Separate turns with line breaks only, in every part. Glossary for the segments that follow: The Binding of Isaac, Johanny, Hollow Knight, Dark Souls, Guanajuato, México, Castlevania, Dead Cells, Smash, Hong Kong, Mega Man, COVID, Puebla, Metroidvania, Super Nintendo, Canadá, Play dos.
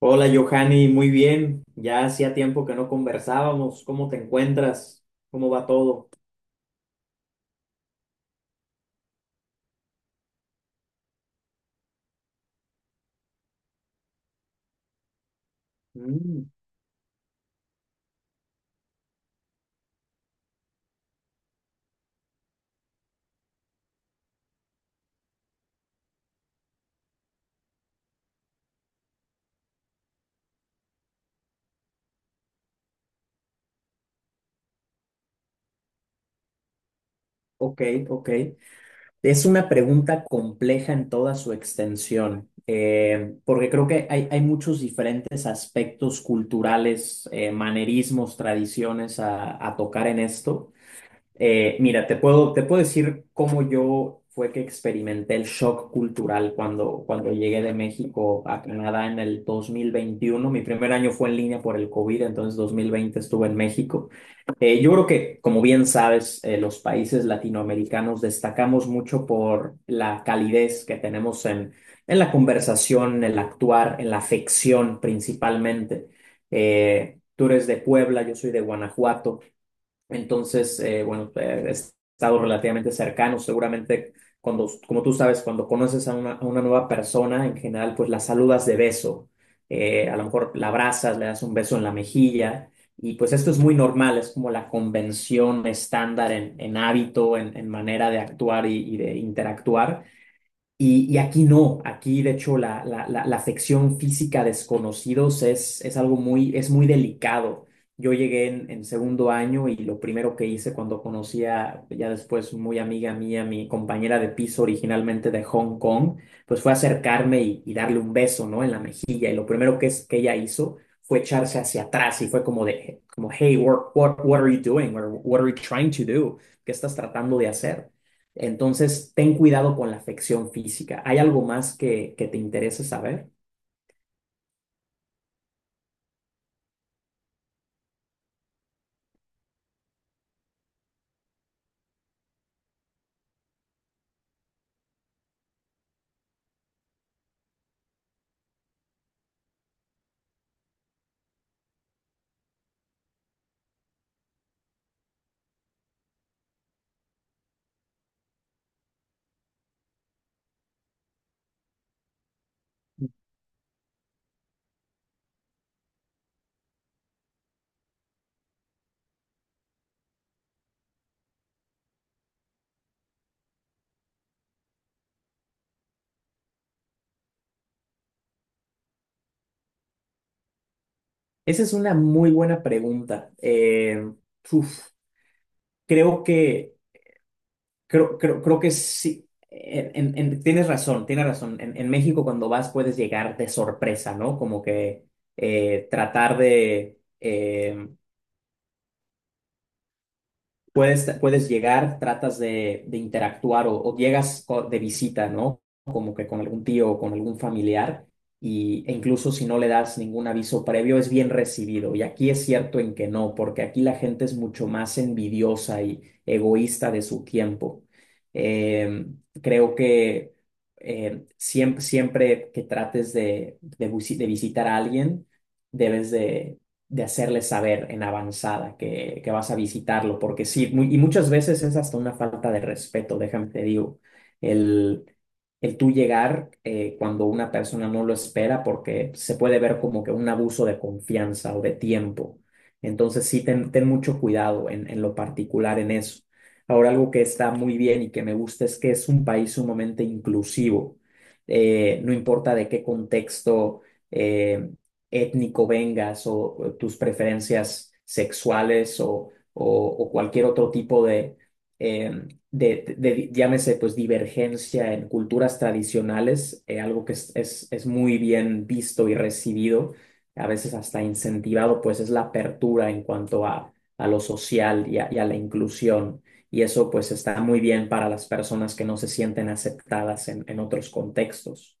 Hola, Johanny, muy bien. Ya hacía tiempo que no conversábamos. ¿Cómo te encuentras? ¿Cómo va todo? Mm. Ok, ok. Es una pregunta compleja en toda su extensión, porque creo que hay muchos diferentes aspectos culturales, manerismos, tradiciones a tocar en esto. Mira, te puedo decir cómo yo fue que experimenté el shock cultural cuando llegué de México a Canadá en el 2021. Mi primer año fue en línea por el COVID, entonces 2020 estuve en México. Yo creo que, como bien sabes, los países latinoamericanos destacamos mucho por la calidez que tenemos en la conversación, en el actuar, en la afección principalmente. Tú eres de Puebla, yo soy de Guanajuato. Entonces, bueno, he estado relativamente cercano. Seguramente, cuando, como tú sabes, cuando conoces a una nueva persona, en general, pues la saludas de beso. A lo mejor la abrazas, le das un beso en la mejilla. Y pues esto es muy normal, es como la convención estándar en hábito, en manera de actuar y de interactuar. Y aquí no, aquí de hecho la sección física desconocidos es algo muy, es muy delicado. Yo llegué en segundo año y lo primero que hice cuando conocí a, ya después muy amiga mía, mi compañera de piso originalmente de Hong Kong, pues fue acercarme y darle un beso, ¿no? En la mejilla. Y lo primero que ella hizo fue echarse hacia atrás y fue como de, como, hey, what, what, what are you doing? Or, what are you trying to do? ¿Qué estás tratando de hacer? Entonces, ten cuidado con la afección física. ¿Hay algo más que te interese saber? Esa es una muy buena pregunta. Uf, creo que, creo que sí. Tienes razón, tienes razón. En México cuando vas puedes llegar de sorpresa, ¿no? Como que tratar de, puedes llegar, tratas de interactuar o llegas de visita, ¿no? Como que con algún tío o con algún familiar, e incluso si no le das ningún aviso previo, es bien recibido. Y aquí es cierto en que no, porque aquí la gente es mucho más envidiosa y egoísta de su tiempo. Eh, creo que siempre que trates de visitar a alguien, debes de hacerles saber en avanzada que vas a visitarlo, porque sí, y muchas veces es hasta una falta de respeto, déjame te digo, el, el tú llegar cuando una persona no lo espera, porque se puede ver como que un abuso de confianza o de tiempo. Entonces sí, ten mucho cuidado en lo particular en eso. Ahora, algo que está muy bien y que me gusta es que es un país sumamente inclusivo. No importa de qué contexto eh, étnico vengas o tus preferencias sexuales o cualquier otro tipo eh, de llámese, pues divergencia en culturas tradicionales, algo que es muy bien visto y recibido, a veces hasta incentivado, pues es la apertura en cuanto a lo social y a la inclusión. Y eso pues está muy bien para las personas que no se sienten aceptadas en otros contextos.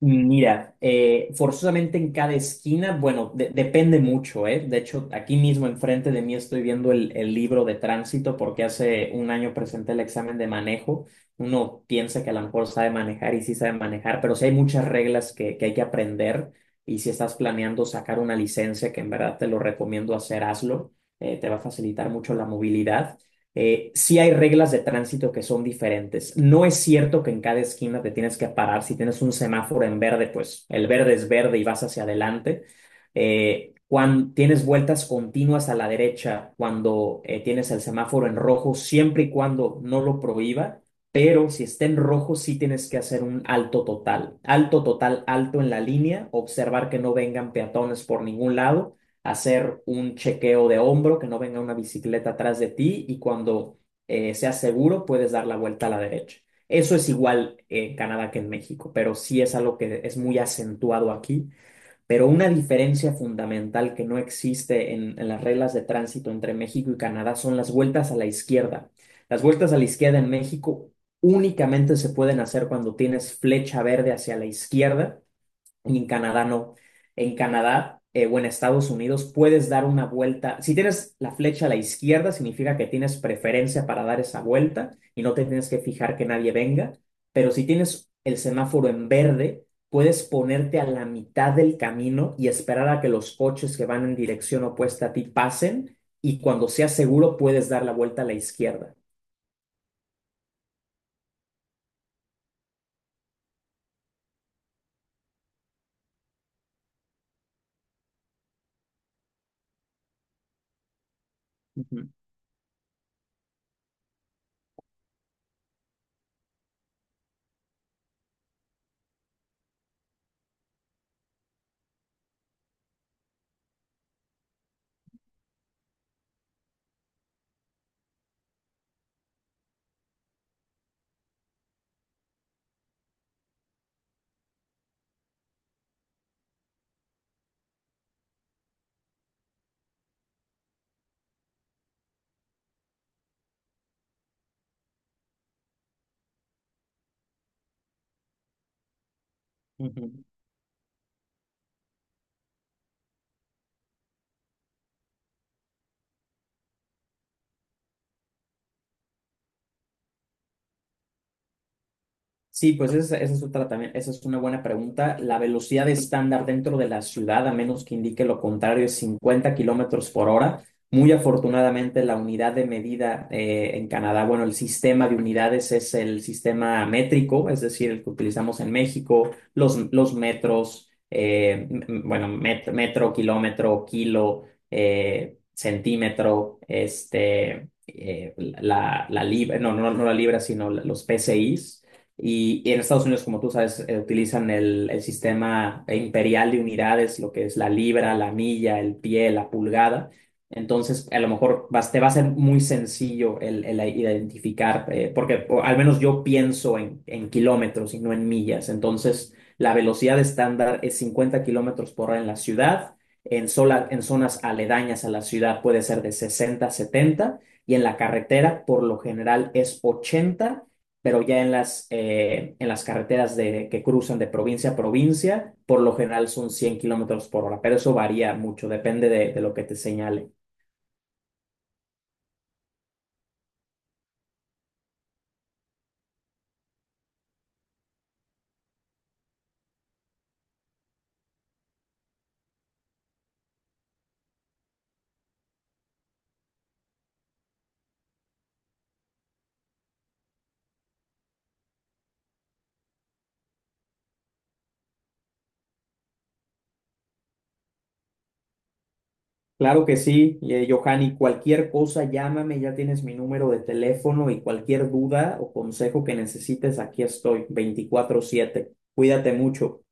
Mira, forzosamente en cada esquina, bueno, depende mucho, ¿eh? De hecho, aquí mismo enfrente de mí estoy viendo el libro de tránsito porque hace un año presenté el examen de manejo. Uno piensa que a lo mejor sabe manejar y sí sabe manejar, pero sí hay muchas reglas que hay que aprender y si estás planeando sacar una licencia, que en verdad te lo recomiendo hacer, hazlo. Te va a facilitar mucho la movilidad. Sí hay reglas de tránsito que son diferentes. No es cierto que en cada esquina te tienes que parar. Si tienes un semáforo en verde, pues el verde es verde y vas hacia adelante. Cuando tienes vueltas continuas a la derecha, cuando tienes el semáforo en rojo, siempre y cuando no lo prohíba, pero si está en rojo, sí tienes que hacer un alto total. Alto total, alto en la línea, observar que no vengan peatones por ningún lado, hacer un chequeo de hombro, que no venga una bicicleta atrás de ti y cuando seas seguro puedes dar la vuelta a la derecha. Eso es igual en Canadá que en México, pero sí es algo que es muy acentuado aquí. Pero una diferencia fundamental que no existe en las reglas de tránsito entre México y Canadá son las vueltas a la izquierda. Las vueltas a la izquierda en México únicamente se pueden hacer cuando tienes flecha verde hacia la izquierda y en Canadá no. En Canadá o en Estados Unidos puedes dar una vuelta. Si tienes la flecha a la izquierda, significa que tienes preferencia para dar esa vuelta y no te tienes que fijar que nadie venga. Pero si tienes el semáforo en verde, puedes ponerte a la mitad del camino y esperar a que los coches que van en dirección opuesta a ti pasen y cuando sea seguro puedes dar la vuelta a la izquierda. Ujú, ujú. Sí, pues esa es otra también, esa es una buena pregunta. La velocidad estándar dentro de la ciudad, a menos que indique lo contrario, es 50 kilómetros por hora. Muy afortunadamente, la unidad de medida en Canadá, bueno, el sistema de unidades es el sistema métrico, es decir, el que utilizamos en México, los metros, bueno, metro, kilómetro, kilo, centímetro, este, la libra, no, no, no la libra, sino los PCIs. Y en Estados Unidos, como tú sabes, utilizan el sistema imperial de unidades, lo que es la libra, la milla, el pie, la pulgada. Entonces, a lo mejor te va a ser muy sencillo el identificar, porque o al menos yo pienso en kilómetros y no en millas. Entonces, la velocidad estándar es 50 kilómetros por hora en la ciudad. En zonas aledañas a la ciudad puede ser de 60 70 y en la carretera por lo general es 80, pero ya en las carreteras de, que cruzan de provincia a provincia, por lo general son 100 kilómetros por hora, pero eso varía mucho, depende de lo que te señale. Claro que sí, Johanny, cualquier cosa, llámame, ya tienes mi número de teléfono y cualquier duda o consejo que necesites, aquí estoy, 24/7. Cuídate mucho.